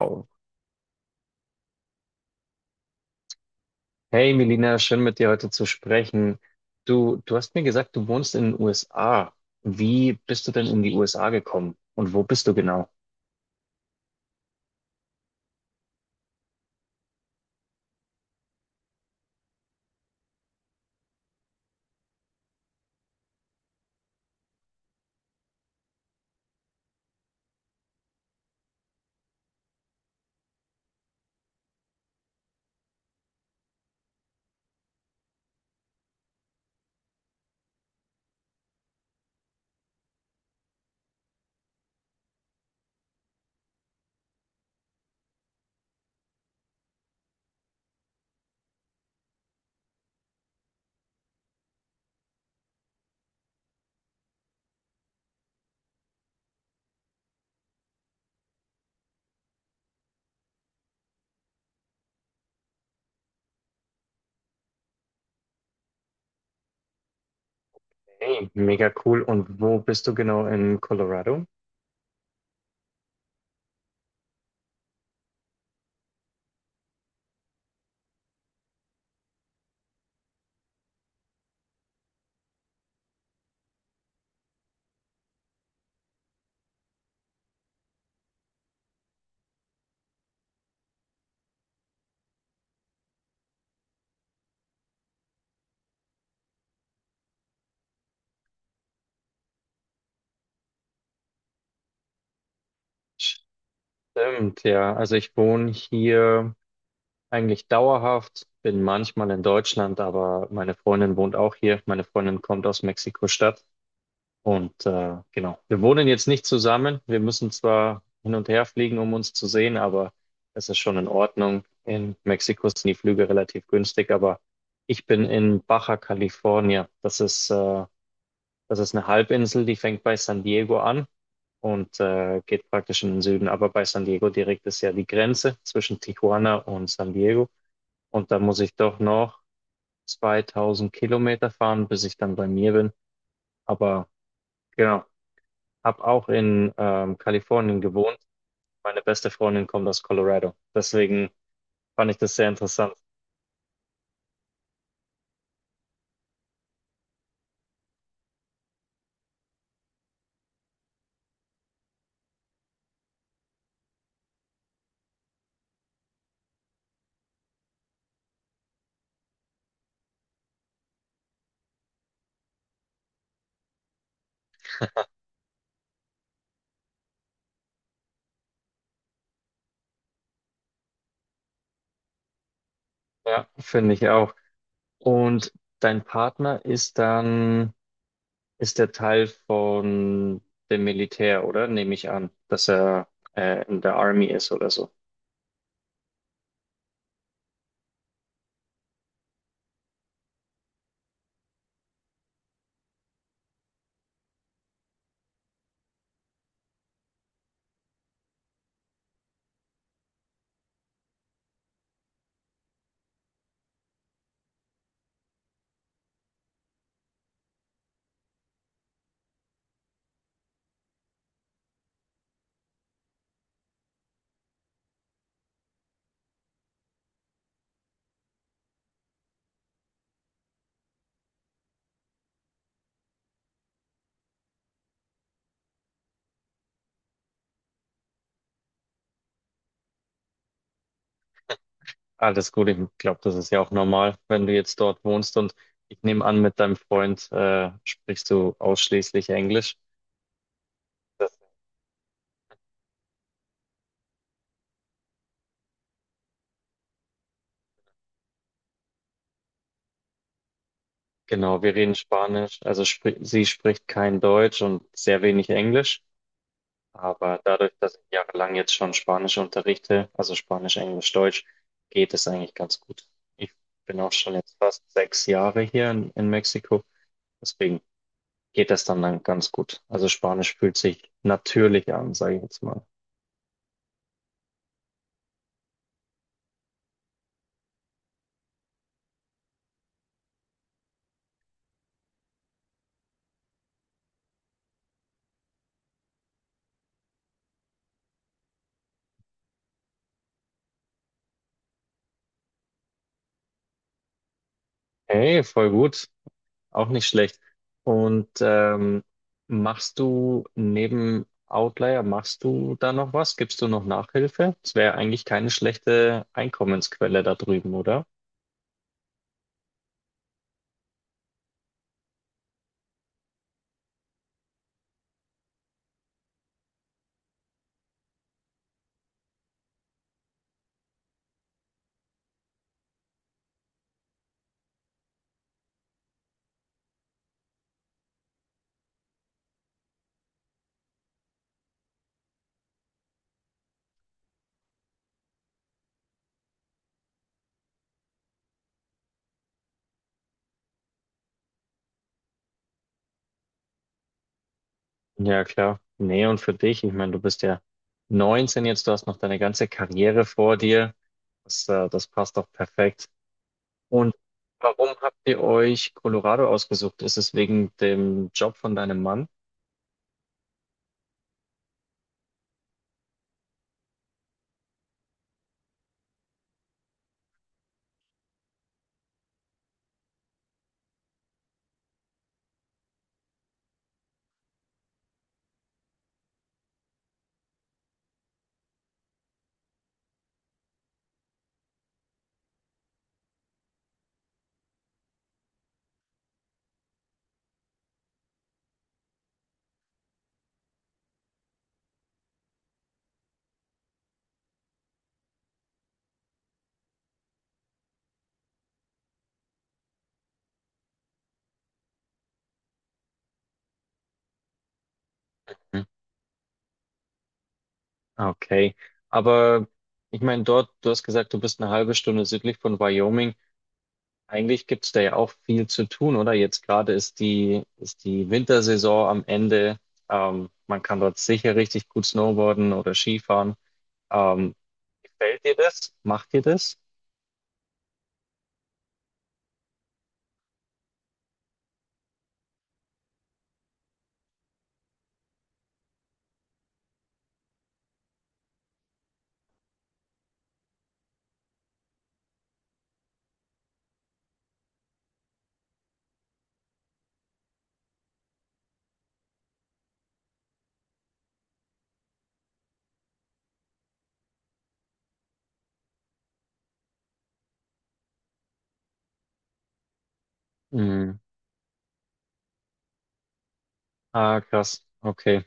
Wow. Hey Melina, schön mit dir heute zu sprechen. Du hast mir gesagt, du wohnst in den USA. Wie bist du denn in die USA gekommen? Und wo bist du genau? Hey, mega cool. Und wo bist du genau in Colorado? Stimmt, ja. Also ich wohne hier eigentlich dauerhaft, bin manchmal in Deutschland, aber meine Freundin wohnt auch hier. Meine Freundin kommt aus Mexiko-Stadt. Und genau, wir wohnen jetzt nicht zusammen. Wir müssen zwar hin und her fliegen, um uns zu sehen, aber es ist schon in Ordnung. In Mexiko sind die Flüge relativ günstig, aber ich bin in Baja California. Das ist eine Halbinsel, die fängt bei San Diego an und geht praktisch in den Süden. Aber bei San Diego direkt ist ja die Grenze zwischen Tijuana und San Diego. Und da muss ich doch noch 2000 Kilometer fahren, bis ich dann bei mir bin. Aber genau. Hab auch in Kalifornien gewohnt. Meine beste Freundin kommt aus Colorado. Deswegen fand ich das sehr interessant. Ja, finde ich auch. Und dein Partner ist dann, ist der Teil von dem Militär, oder? Nehme ich an, dass er in der Army ist oder so. Alles gut, ich glaube, das ist ja auch normal, wenn du jetzt dort wohnst und ich nehme an, mit deinem Freund sprichst du ausschließlich Englisch. Genau, wir reden Spanisch, also spri sie spricht kein Deutsch und sehr wenig Englisch, aber dadurch, dass ich jahrelang jetzt schon Spanisch unterrichte, also Spanisch, Englisch, Deutsch, geht es eigentlich ganz gut. Ich bin auch schon jetzt fast 6 Jahre hier in Mexiko, deswegen geht das dann ganz gut. Also Spanisch fühlt sich natürlich an, sage ich jetzt mal. Hey, voll gut. Auch nicht schlecht. Und machst du neben Outlier, machst du da noch was? Gibst du noch Nachhilfe? Das wäre eigentlich keine schlechte Einkommensquelle da drüben, oder? Ja, klar. Nee, und für dich, ich meine, du bist ja 19 jetzt, du hast noch deine ganze Karriere vor dir. Das passt doch perfekt. Und warum habt ihr euch Colorado ausgesucht? Ist es wegen dem Job von deinem Mann? Ah, okay, aber ich meine, dort, du hast gesagt, du bist eine halbe Stunde südlich von Wyoming. Eigentlich gibt es da ja auch viel zu tun, oder? Jetzt gerade ist die Wintersaison am Ende. Man kann dort sicher richtig gut snowboarden oder Skifahren. Ähm, Gefällt dir das? Macht dir das? Mhm. Ah, krass. Okay.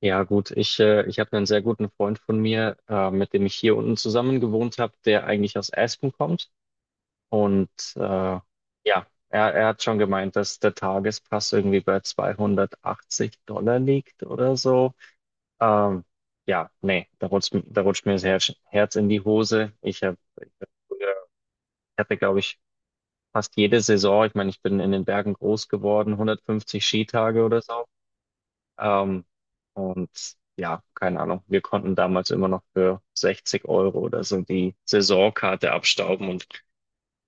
Ja, gut. Ich habe einen sehr guten Freund von mir, mit dem ich hier unten zusammen gewohnt habe, der eigentlich aus Aspen kommt. Und äh, ja, er hat schon gemeint, dass der Tagespass irgendwie bei 280$ liegt oder so. Ähm, ja, nee, da rutscht mir das Herz in die Hose. Ich habe, ich hab früher, ich hatte, glaube ich, fast jede Saison, ich meine, ich bin in den Bergen groß geworden, 150 Skitage oder so. Ähm, und ja, keine Ahnung, wir konnten damals immer noch für 60€ oder so die Saisonkarte abstauben und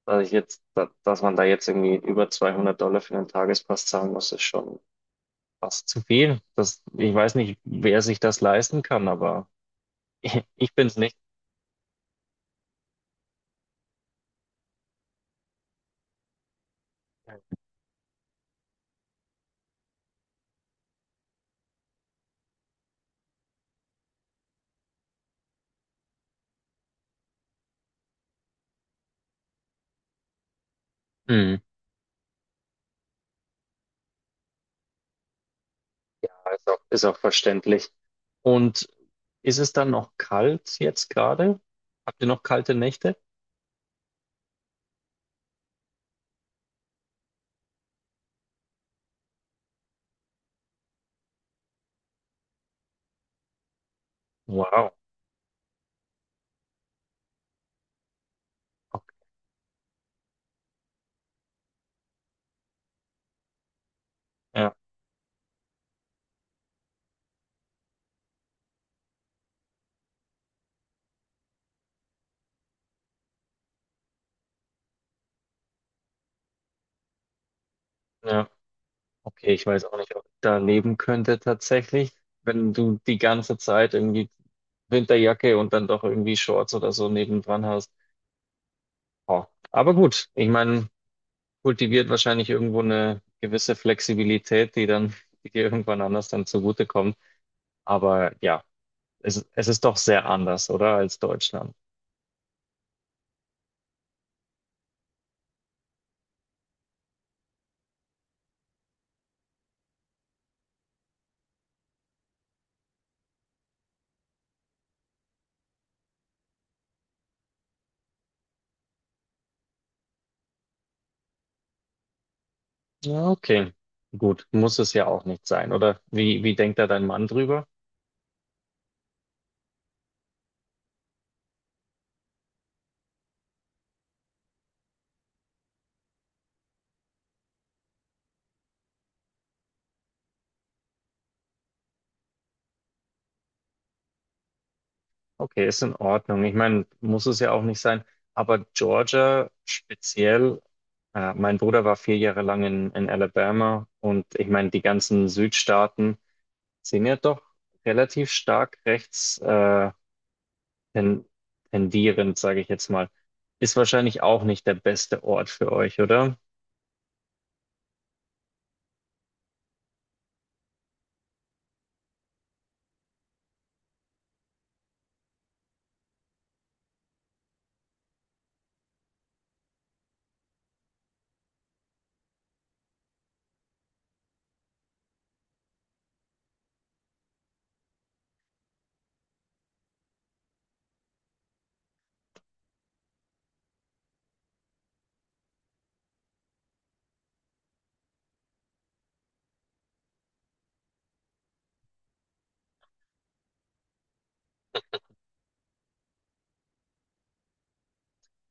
also ich jetzt, dass man da jetzt irgendwie über 200$ für einen Tagespass zahlen muss, ist schon fast zu viel. Das, ich weiß nicht, wer sich das leisten kann, aber ich, bin's nicht. Mhm. Ja, ist auch, ist auch verständlich. Und ist es dann noch kalt jetzt gerade? Habt ihr noch kalte Nächte? Wow. Okay. Ja, ja. Okay, ich weiß auch nicht, ob ich da leben könnte tatsächlich, wenn du die ganze Zeit irgendwie Winterjacke und dann doch irgendwie Shorts oder so nebendran hast. Ja. Aber gut, ich meine, kultiviert wahrscheinlich irgendwo eine gewisse Flexibilität, die dann, die dir irgendwann anders dann zugutekommt. Aber ja, es ist doch sehr anders, oder, als Deutschland. Ja, okay. Gut, muss es ja auch nicht sein, oder? Wie denkt da dein Mann drüber? Okay, ist in Ordnung. Ich meine, muss es ja auch nicht sein. Aber Georgia speziell, mein Bruder war 4 Jahre lang in Alabama und ich meine, die ganzen Südstaaten sind ja doch relativ stark rechts ten, tendierend, sage ich jetzt mal. Ist wahrscheinlich auch nicht der beste Ort für euch, oder?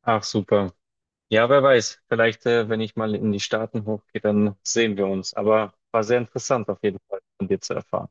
Ach, super. Ja, wer weiß. Vielleicht, wenn ich mal in die Staaten hochgehe, dann sehen wir uns. Aber war sehr interessant auf jeden Fall von dir zu erfahren.